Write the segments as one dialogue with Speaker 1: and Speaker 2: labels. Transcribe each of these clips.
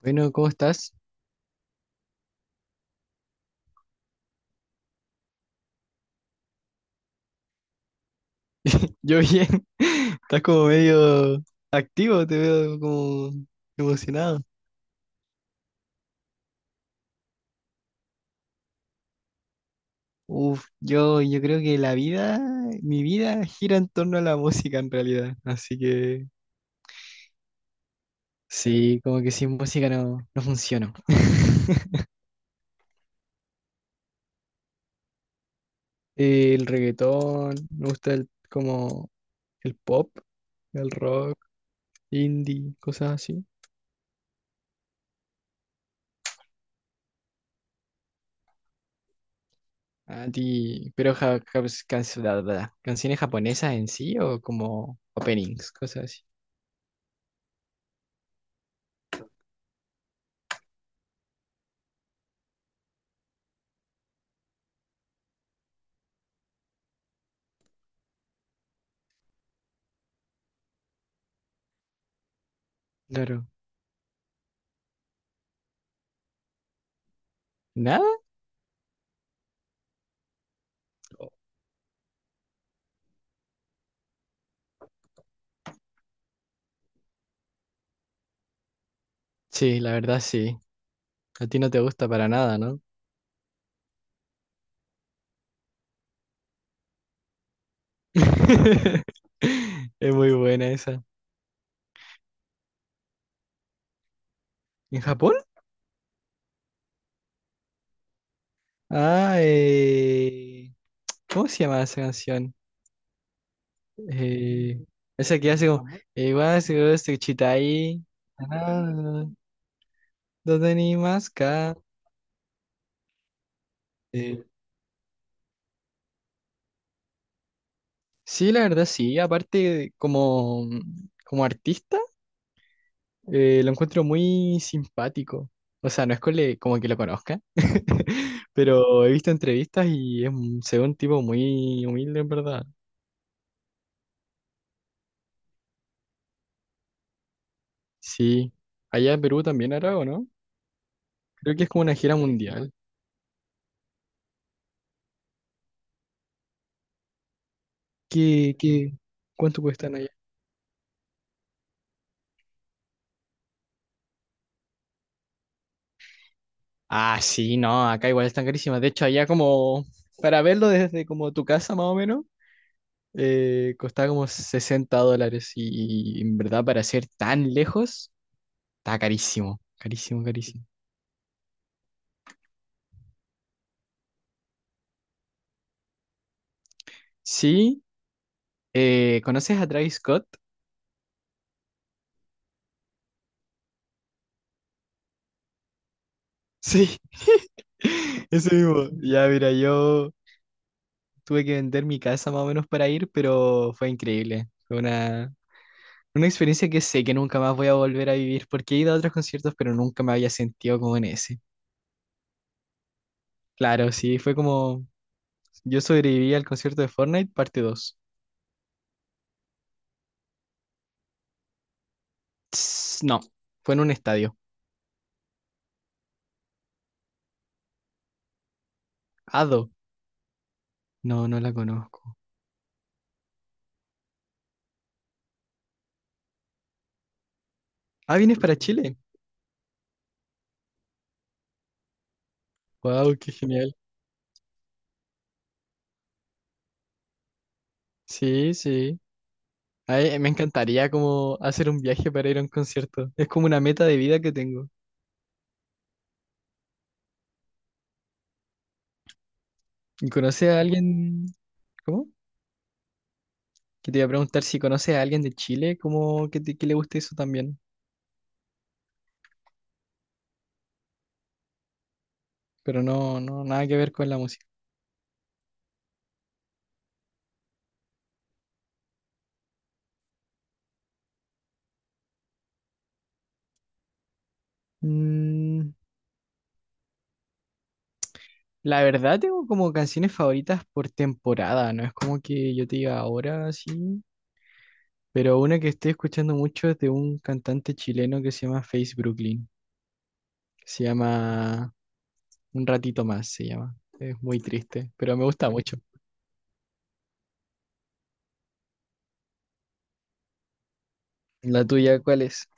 Speaker 1: Bueno, ¿cómo estás? Yo bien. Estás como medio activo, te veo como emocionado. Uf, yo creo que la vida, mi vida gira en torno a la música en realidad. Así que sí, como que sin música no funciono. El reggaetón, me gusta el, como el pop, el rock, indie, cosas así. A ti, pero canciones japonesas en sí o como openings, cosas así. Claro. ¿Nada? Sí, la verdad sí. A ti no te gusta para nada, ¿no? Es muy buena esa. ¿En Japón? Ah, ¿cómo se llama esa canción? Eh, Esa que hace como... "Wa se chitai, ah, ¿dónde ni más? Eh, sí, la verdad sí. Aparte, como, como artista. Lo encuentro muy simpático. O sea, no es como que lo conozca, pero he visto entrevistas y es, se ve un tipo muy humilde, en verdad. Sí. Allá en Perú también hará, ¿o no? Creo que es como una gira mundial. ¿Qué, qué, cuánto cuestan allá? Ah, sí, no, acá igual están carísimas. De hecho, allá como, para verlo desde como tu casa más o menos, costaba como 60 dólares y, en verdad para ser tan lejos, está carísimo, carísimo, carísimo. Sí. ¿Conoces a Travis Scott? Sí, ese mismo. Ya, mira, yo tuve que vender mi casa más o menos para ir, pero fue increíble. Fue una experiencia que sé que nunca más voy a volver a vivir porque he ido a otros conciertos, pero nunca me había sentido como en ese. Claro, sí, fue como yo sobreviví al concierto de Fortnite, parte dos. Tss, no, fue en un estadio. Ado. No, no la conozco. Ah, ¿vienes para Chile? Wow, qué genial. Sí, sí. Ay, me encantaría como hacer un viaje para ir a un concierto. Es como una meta de vida que tengo. ¿Y conoces a alguien? ¿Cómo? Que te iba a preguntar si conoces a alguien de Chile, como que, que le guste eso también. Pero no, no, nada que ver con la música. Mm, la verdad tengo como canciones favoritas por temporada, no es como que yo te diga ahora sí. Pero una que estoy escuchando mucho es de un cantante chileno que se llama Face Brooklyn. Se llama Un ratito más, se llama. Es muy triste, pero me gusta mucho. ¿La tuya cuál es?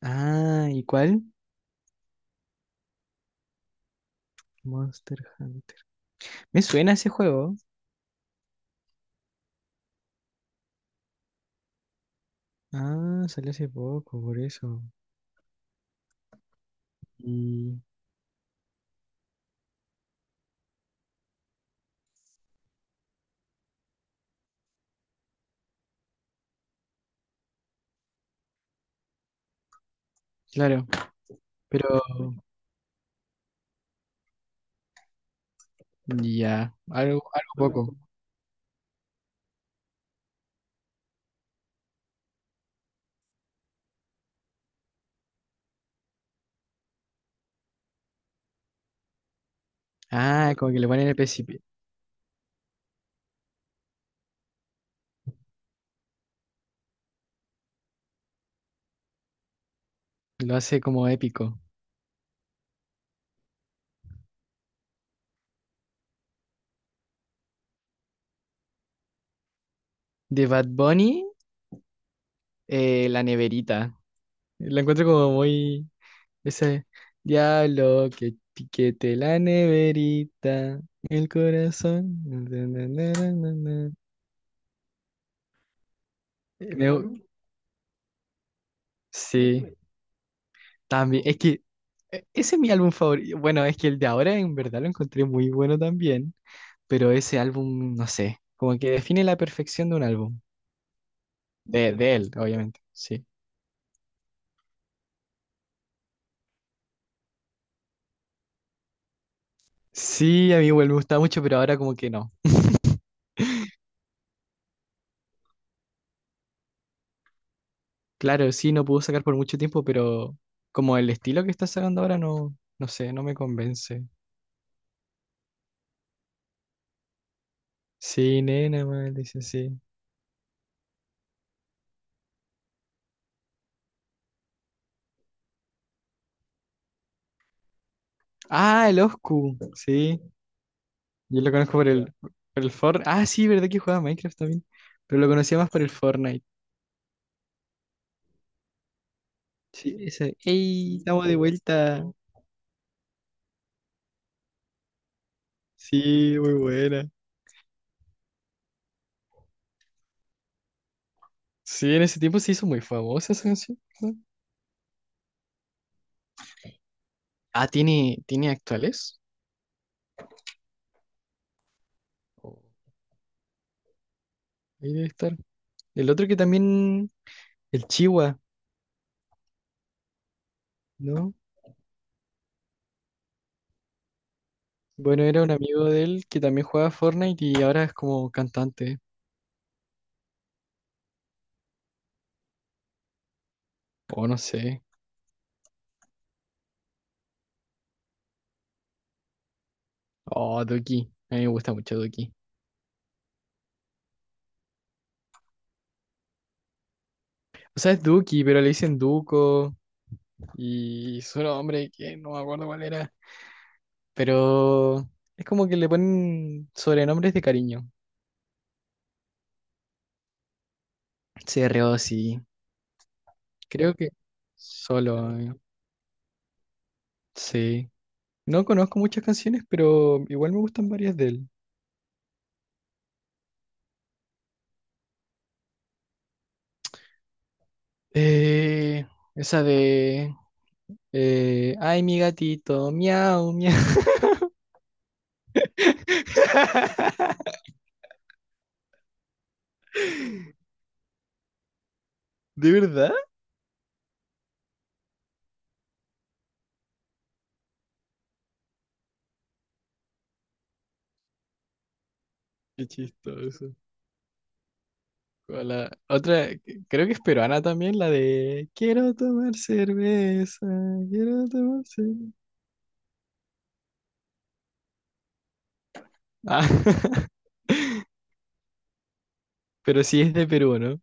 Speaker 1: Ah, ¿y cuál? Monster Hunter. Me suena ese juego. Ah, salió hace poco, por eso. Y claro, pero ya, algo, algo poco. Ah, como que le ponen el principio. Lo hace como épico. De Bad Bunny, la neverita. La encuentro como muy. Ese diablo que piquete la neverita. El corazón. na, na, na, na, na, na". Me gu- sí. También, es que ese es mi álbum favorito. Bueno, es que el de ahora en verdad lo encontré muy bueno también, pero ese álbum, no sé, como que define la perfección de un álbum. De él, obviamente, sí. Sí, a mí igual me gustaba mucho, pero ahora como que no. Claro, sí, no pudo sacar por mucho tiempo, pero como el estilo que está sacando ahora no, no sé, no me convence. Sí, nena, mal, dice sí. Ah, el Oscu, sí. Yo lo conozco por el Fortnite. Ah, sí, verdad que jugaba Minecraft también, pero lo conocía más por el Fortnite. Sí, ese ¡Ey! Estamos de vuelta. Sí, muy buena. Sí, en ese tiempo se hizo muy famosa esa canción, ¿no? Ah, ¿tiene, tiene actuales? Oh, ahí debe estar. El otro que también, el Chihuahua, ¿no? Bueno, era un amigo de él que también jugaba Fortnite y ahora es como cantante. O no sé. Oh, Duki. A mí me gusta mucho Duki. O sea, es Duki, pero le dicen Duco. Y su nombre, que no me acuerdo cuál era. Pero es como que le ponen sobrenombres de cariño. Se reó, sí. Creo que solo, sí. No conozco muchas canciones, pero igual me gustan varias de él. Eh, Esa de... Ay, mi gatito, miau, miau. ¿De verdad? Qué chistoso. O la otra, creo que es peruana también, la de Quiero tomar cerveza, quiero tomar cerveza. Ah, pero sí es de Perú, ¿no?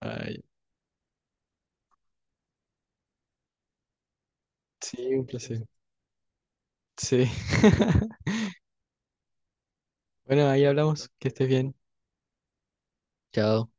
Speaker 1: Ay, sí, un placer. Sí. Bueno, ahí hablamos. Que estés bien. Chao.